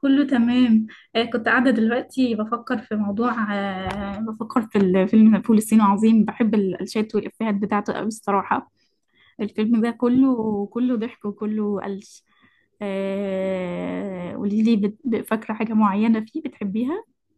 كله تمام. كنت قاعدة دلوقتي بفكر في موضوع، بفكر في الفيلم فول الصين العظيم. بحب الشات والإفيهات بتاعته قوي الصراحة. الفيلم ده كله كله ضحك وكله قلش. قولي لي، فاكرة حاجة معينة فيه بتحبيها؟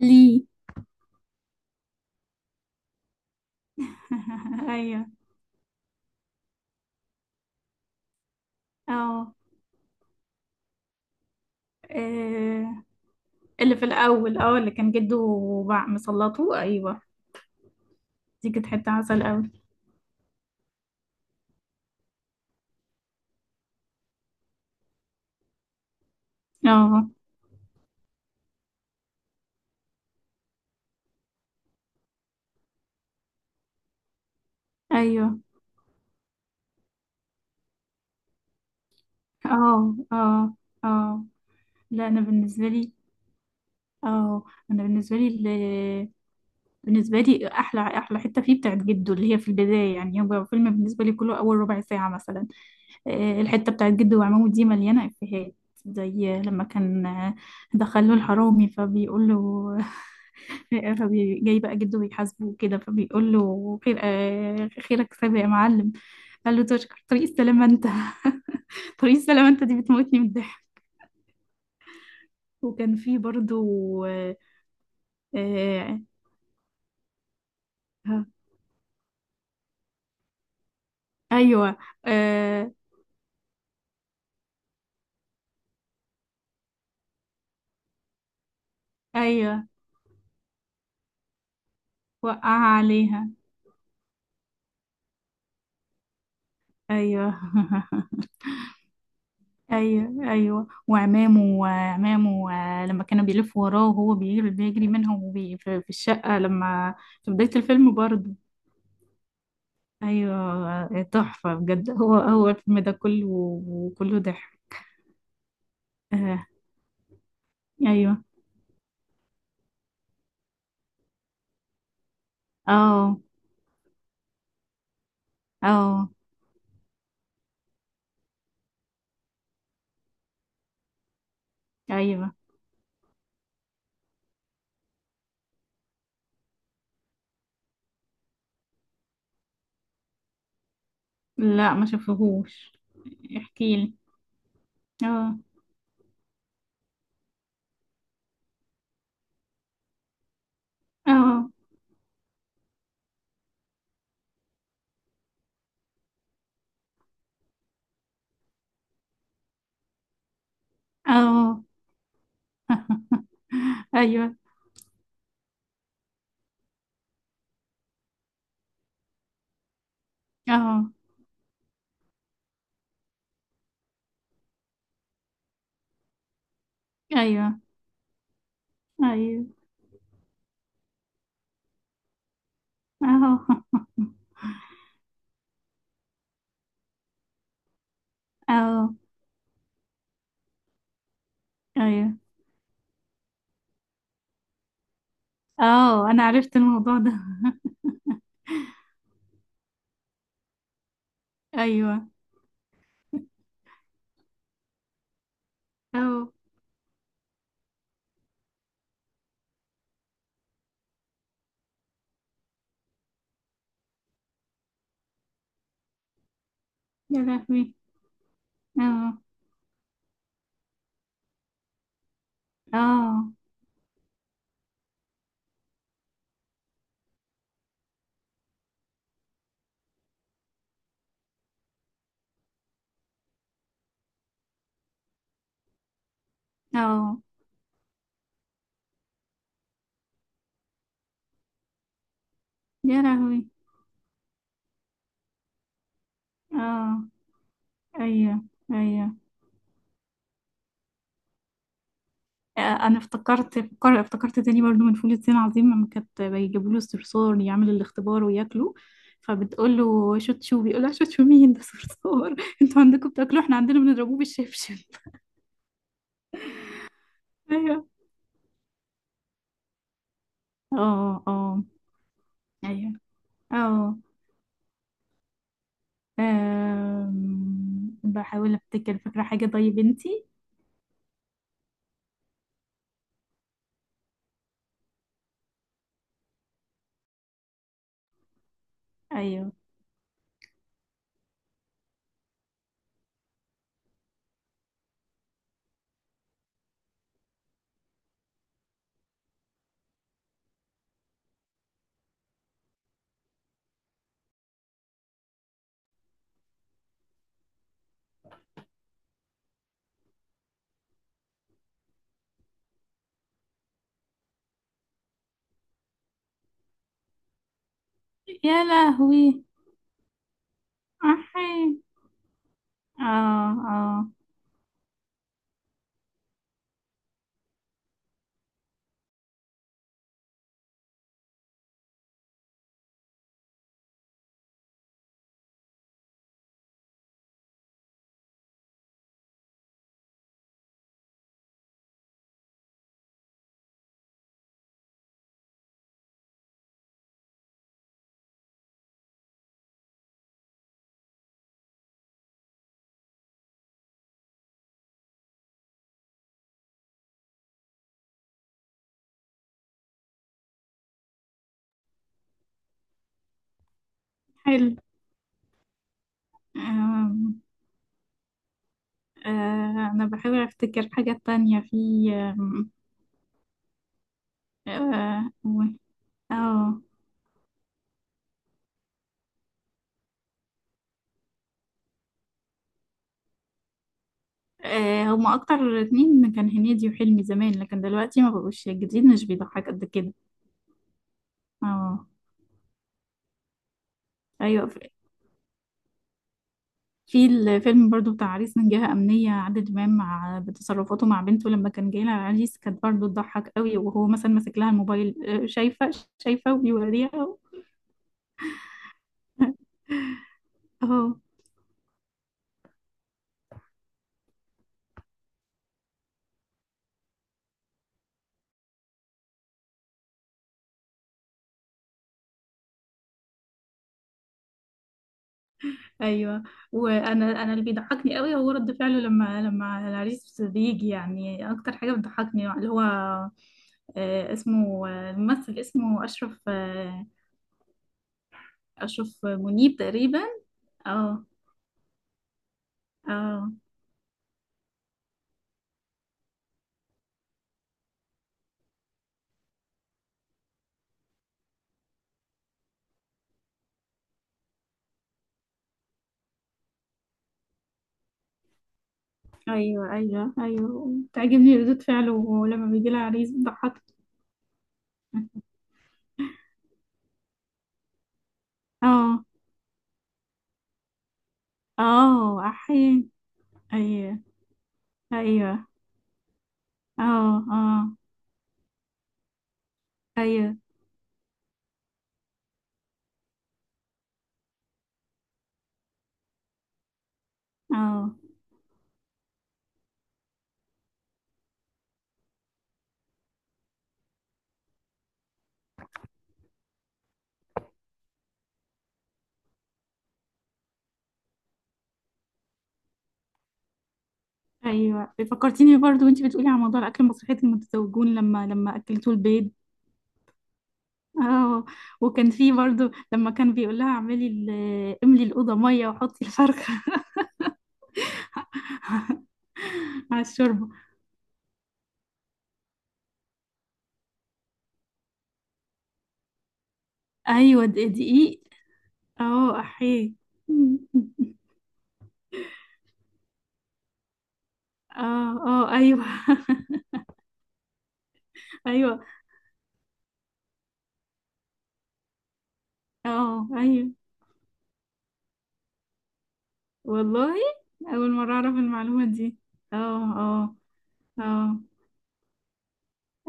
ليه. أيوه. اه. آه. اللي في الأول، اللي كان جده وبع- مسلطه. أيوه. دي كانت حتة عسل قوي. اه. أيوه. اه. اه. اه. لا، انا بالنسبه لي. اه. انا بالنسبه لي بالنسبه لي احلى احلى حته فيه بتاعت جده اللي هي في البدايه، يعني هو فيلم بالنسبه لي كله اول ربع ساعه مثلا. الحته بتاعت جده وعمامه دي مليانه افيهات. زي لما كان، دخل له الحرامي فبيقول له. جاي بقى جده بيحاسبه وكده فبيقول له خير، خيرك سابق يا معلم. قال له تشكر طريق السلامه انت. طريق السلامه انت دي بتموتني من الضحك. وكان في برضو. آه. ايوه. آه. ايوه. وقعها عليها. ايوه. ايوه، ايوه، وعمامه وعمامه. لما كانوا بيلفوا وراه وهو بيجري بيجري منهم، وبي في الشقة لما في بداية الفيلم برضه. ايوه. تحفة بجد، هو الفيلم ده كله وكله ضحك. آه. ايوه. اه. اه. ايوه. لا ما شافهوش. احكي لي. اه. اه. اه. ايوه. اه. ايوه، ايوه. اهو. اهو. ايوه. اه، انا عرفت الموضوع ده. ايوه. اه. يا لهوي. اه. اه. اه. يا لهوي. اه. ايوه، ايوه. آه، انا افتكرت، افتكرت تاني برضو من فول الصين العظيم لما كانت بيجيبوا له الصرصور يعمل الاختبار وياكله، فبتقول له شوتشو، بيقول لها شوتشو مين ده؟ صرصور. انتوا عندكم بتاكلوه، احنا عندنا بنضربوه بالشبشب. ايوه. اه. اه. ايوه. اه. بحاول افتكر، فاكرة حاجة طيب انتي؟ ايوه. يا لهوي. احي. اه. اه. حلو. أم... آه انا بحاول افتكر حاجة تانية في. أم... اه آه. هما اكتر اتنين كان هنيدي وحلمي زمان، لكن دلوقتي ما بقوش الجديد مش بيضحك قد كده. اه. ايوه. في الفيلم برضو بتاع عريس من جهة أمنية، عادل إمام مع بتصرفاته مع بنته لما كان جاي لها عريس، كانت برضو تضحك قوي، وهو مثلا ماسك لها الموبايل. شايفة، شايفة وبيوريها. اهو. ايوه. وانا انا اللي بيضحكني قوي هو رد فعله لما العريس بيجي. يعني اكتر حاجه بتضحكني اللي هو، اسمه، الممثل اسمه اشرف، اشرف منيب تقريبا. اه. اه. ايوه، ايوه، ايوه، تعجبني ردود فعله، ولما بيجي لها عريس بتضحك. اه. اه. احيي. ايوه. ايوه. اه. اه. ايوه. اه. ايوه. فكرتيني برضو وانتي بتقولي على موضوع الاكل، مسرحيه المتزوجون لما اكلتوا البيض. اه. وكان في برضو لما كان بيقول لها اعملي املي الاوضه ميه وحطي الفرخه. على الشوربه. ايوه، دقيق. اه. احيي. اه. اه. ايوه. ايوه. اه. ايوه. والله، أول مرة أعرف المعلومة دي. اه. اه. اه.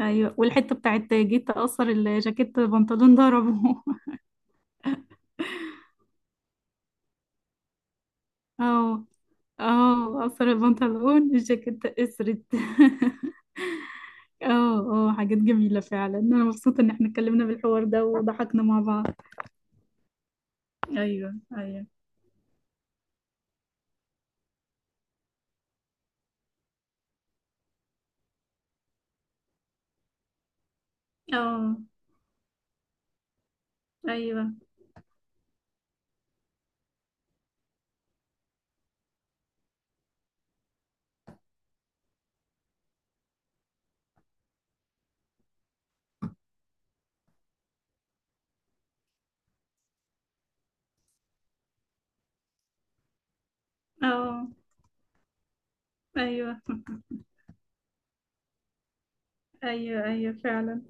أيوة، والحتة بتاعت جيت أقصر الجاكيت بنطلون ضربه. اه. اه، أقصر البنطلون، الجاكيت قصرت. اه. اه، حاجات جميلة فعلا، أنا مبسوطة إن احنا اتكلمنا بالحوار ده وضحكنا مع بعض. أيوة، أيوة. اه، أيوة. اه، أيوة، أيوة، أيوة فعلا.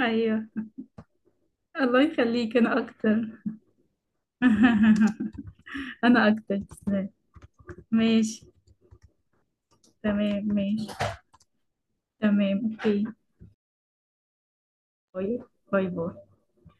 أيوة، الله يخليك، أنا أكتر. أنا أكتر. ماشي. تمام، ماشي. تمام، اوكي. طيب. باي باي.